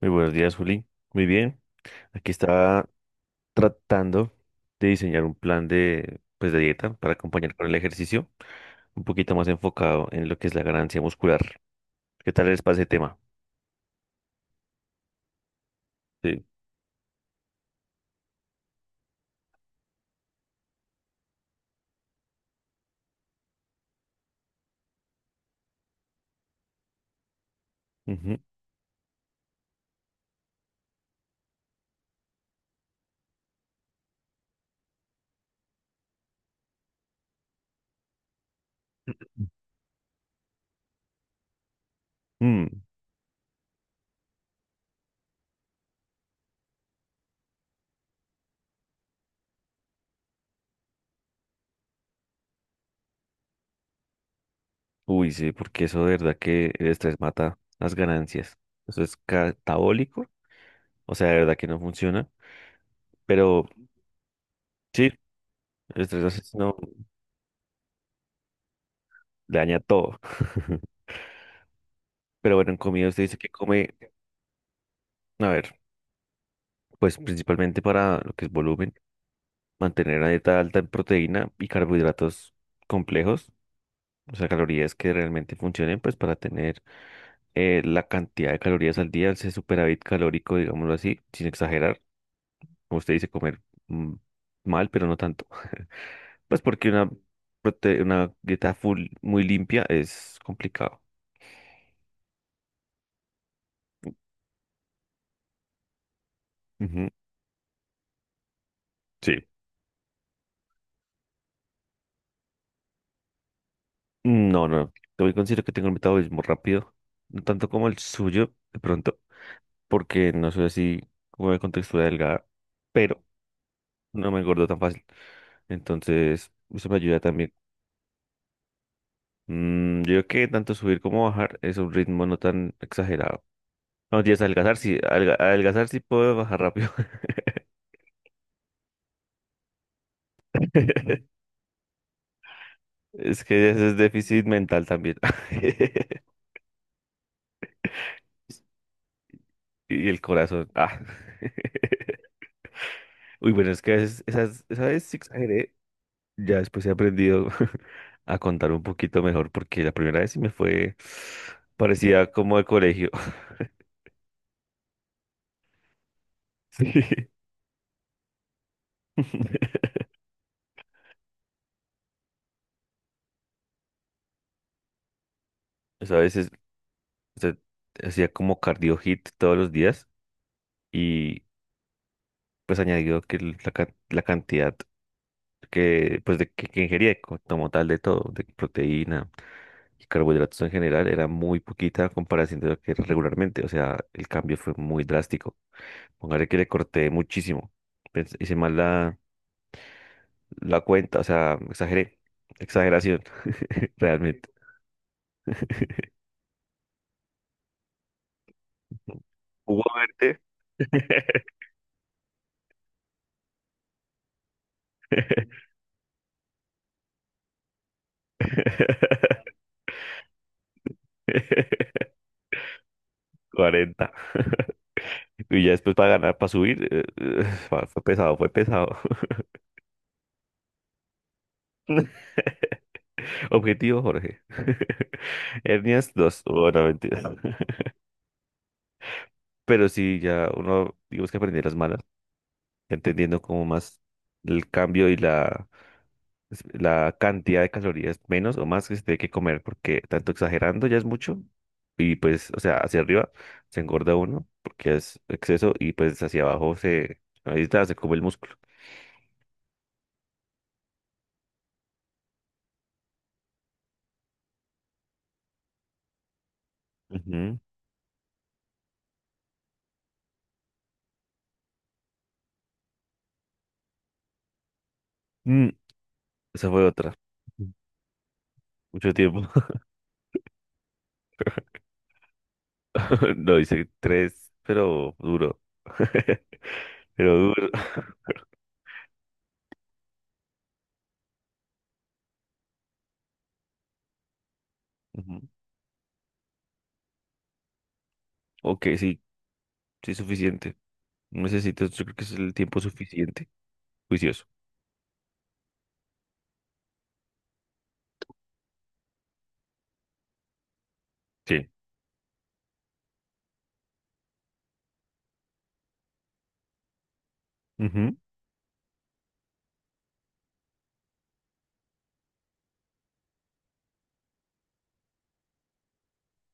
Muy buenos días, Juli. Muy bien. Aquí estaba tratando de diseñar un plan de, pues, de dieta para acompañar con el ejercicio, un poquito más enfocado en lo que es la ganancia muscular. ¿Qué tal les pasa ese tema? Sí. Ujú. Mm. Uy, sí, porque eso de verdad que el estrés mata las ganancias. Eso es catabólico. O sea, de verdad que no funciona. Pero sí, el estrés asesino le daña todo. Pero bueno, en comida usted dice que come, a ver, pues principalmente para lo que es volumen. Mantener una dieta alta en proteína y carbohidratos complejos, o sea, calorías que realmente funcionen, pues para tener la cantidad de calorías al día, ese superávit calórico, digámoslo así, sin exagerar, como usted dice, comer mm, mal, pero no tanto. Pues porque una dieta full muy limpia es complicado. Ujú, sí. No, no, yo considero que tengo un metabolismo rápido, no tanto como el suyo, de pronto, porque no soy así como de contextura delgada, pero no me engordo tan fácil. Entonces, eso me ayuda también. Yo creo que tanto subir como bajar es un ritmo no tan exagerado. No, tienes adelgazar, sí, adelgazar sí puedo bajar rápido. Es que eso es déficit mental también. Y el corazón. Ah. Uy, bueno, es que a veces, esas, esa vez sí exageré. Ya después he aprendido a contar un poquito mejor porque la primera vez sí me fue, parecía como de colegio. Sí. O sea, a veces usted hacía como cardio hit todos los días y pues añadido que la cantidad que pues de que ingería como tal de todo, de proteína y carbohidratos en general era muy poquita a comparación de lo que era regularmente, o sea, el cambio fue muy drástico. Póngale que le corté muchísimo. Hice mal la cuenta, o sea, exageré. Exageración, realmente. Hugo Verte. 40. Y ya después para ganar, para subir, fue pesado, fue pesado. Objetivo, Jorge. Hernias, dos, bueno, mentira. Pero sí, ya uno, digamos que aprendí las malas, entendiendo como más el cambio y la cantidad de calorías menos o más que se tiene que comer, porque tanto exagerando ya es mucho. Y pues, o sea, hacia arriba se engorda uno porque es exceso y pues hacia abajo se, ahí está, se come el músculo. Ujú. Mm, Esa fue otra. Mucho tiempo. No, hice tres, pero duro. Pero duro. Ujú. Ok, sí, sí, suficiente. No necesitas, yo creo que es el tiempo suficiente. Juicioso. Sí. Ujú.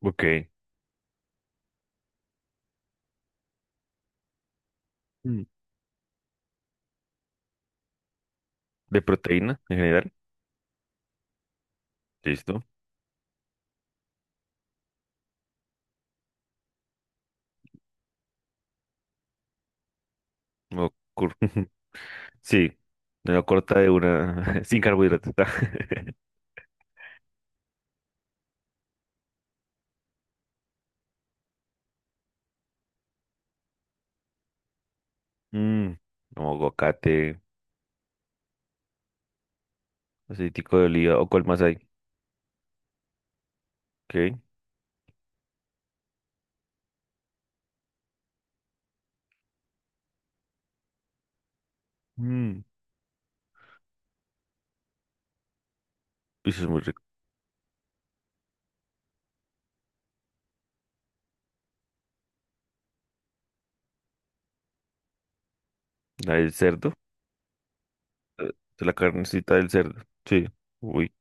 Ok. Mm. De proteína en general. Listo. No cur- sí. Me lo corta de una. Sin carbohidratos. Mm, Como aguacate, aceitico de oliva o cuál más hay. Ok. Mm. Eso es muy rico. El cerdo. eh, de la carnecita del cerdo. Sí. Uy,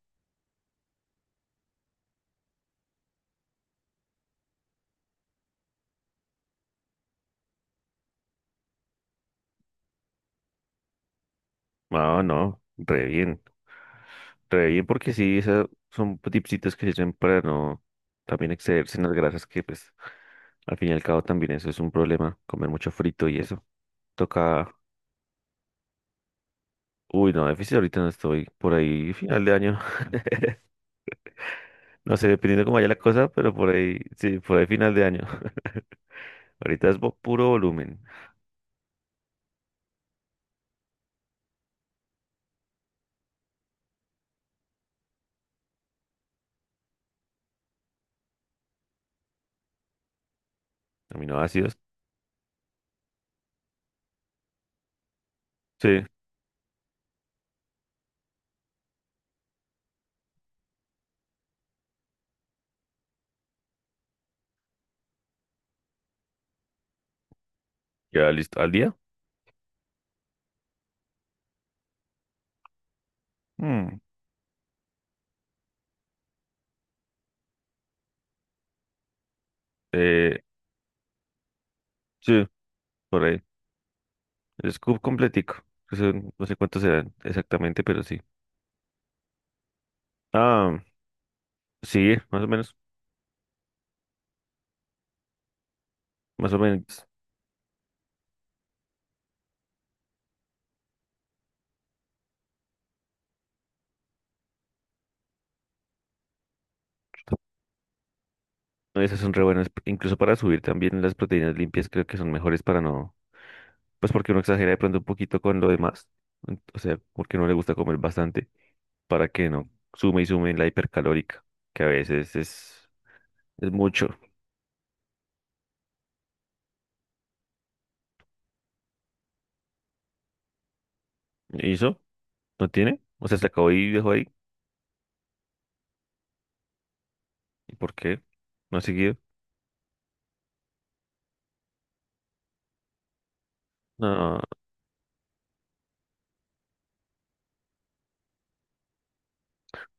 ah, no, re bien, porque sí, esas son tipsitos que se echan para no también excederse en las grasas, que pues al fin y al cabo también eso es un problema, comer mucho frito y eso. Toca, uy, no, déficit ahorita no estoy, por ahí final de año. No sé, dependiendo cómo vaya la cosa, pero por ahí, sí, por ahí final de año. Ahorita es puro volumen, aminoácidos. Sí, ya listo, al día. Mm, eh, sí. Por ahí. El scoop completico. Que No sé cuántos serán exactamente, pero sí. Ah, sí, más o menos. Más o menos. Esas son re buenas. Incluso para subir también las proteínas limpias creo que son mejores para no... Pues porque uno exagera de pronto un poquito con lo demás. O sea, porque no le gusta comer bastante para que no sume y sume en la hipercalórica, que a veces es mucho. ¿Y eso? ¿No tiene? O sea, se acabó y dejó ahí. ¿Y por qué? ¿No ha seguido? No.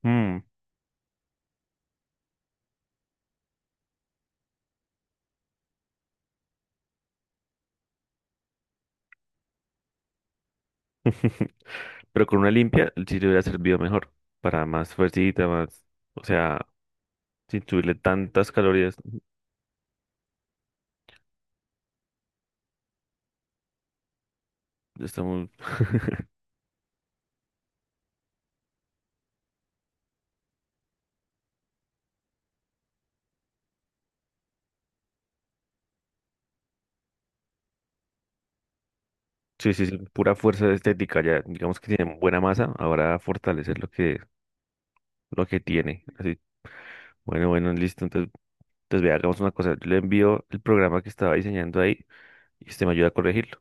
Mm. Pero con una limpia sí le hubiera servido mejor. Para más fuercita, más. O sea, sin subirle tantas calorías. Está muy- Sí, sí, sí, pura fuerza estética. Ya, digamos que tiene buena masa. Ahora fortalecer lo que tiene. Así. Bueno, bueno, listo. Entonces, vea, hagamos una cosa. Yo le envío el programa que estaba diseñando ahí y usted me ayuda a corregirlo.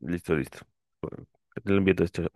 Listo, listo. Listo. Bueno, le envío todo esto.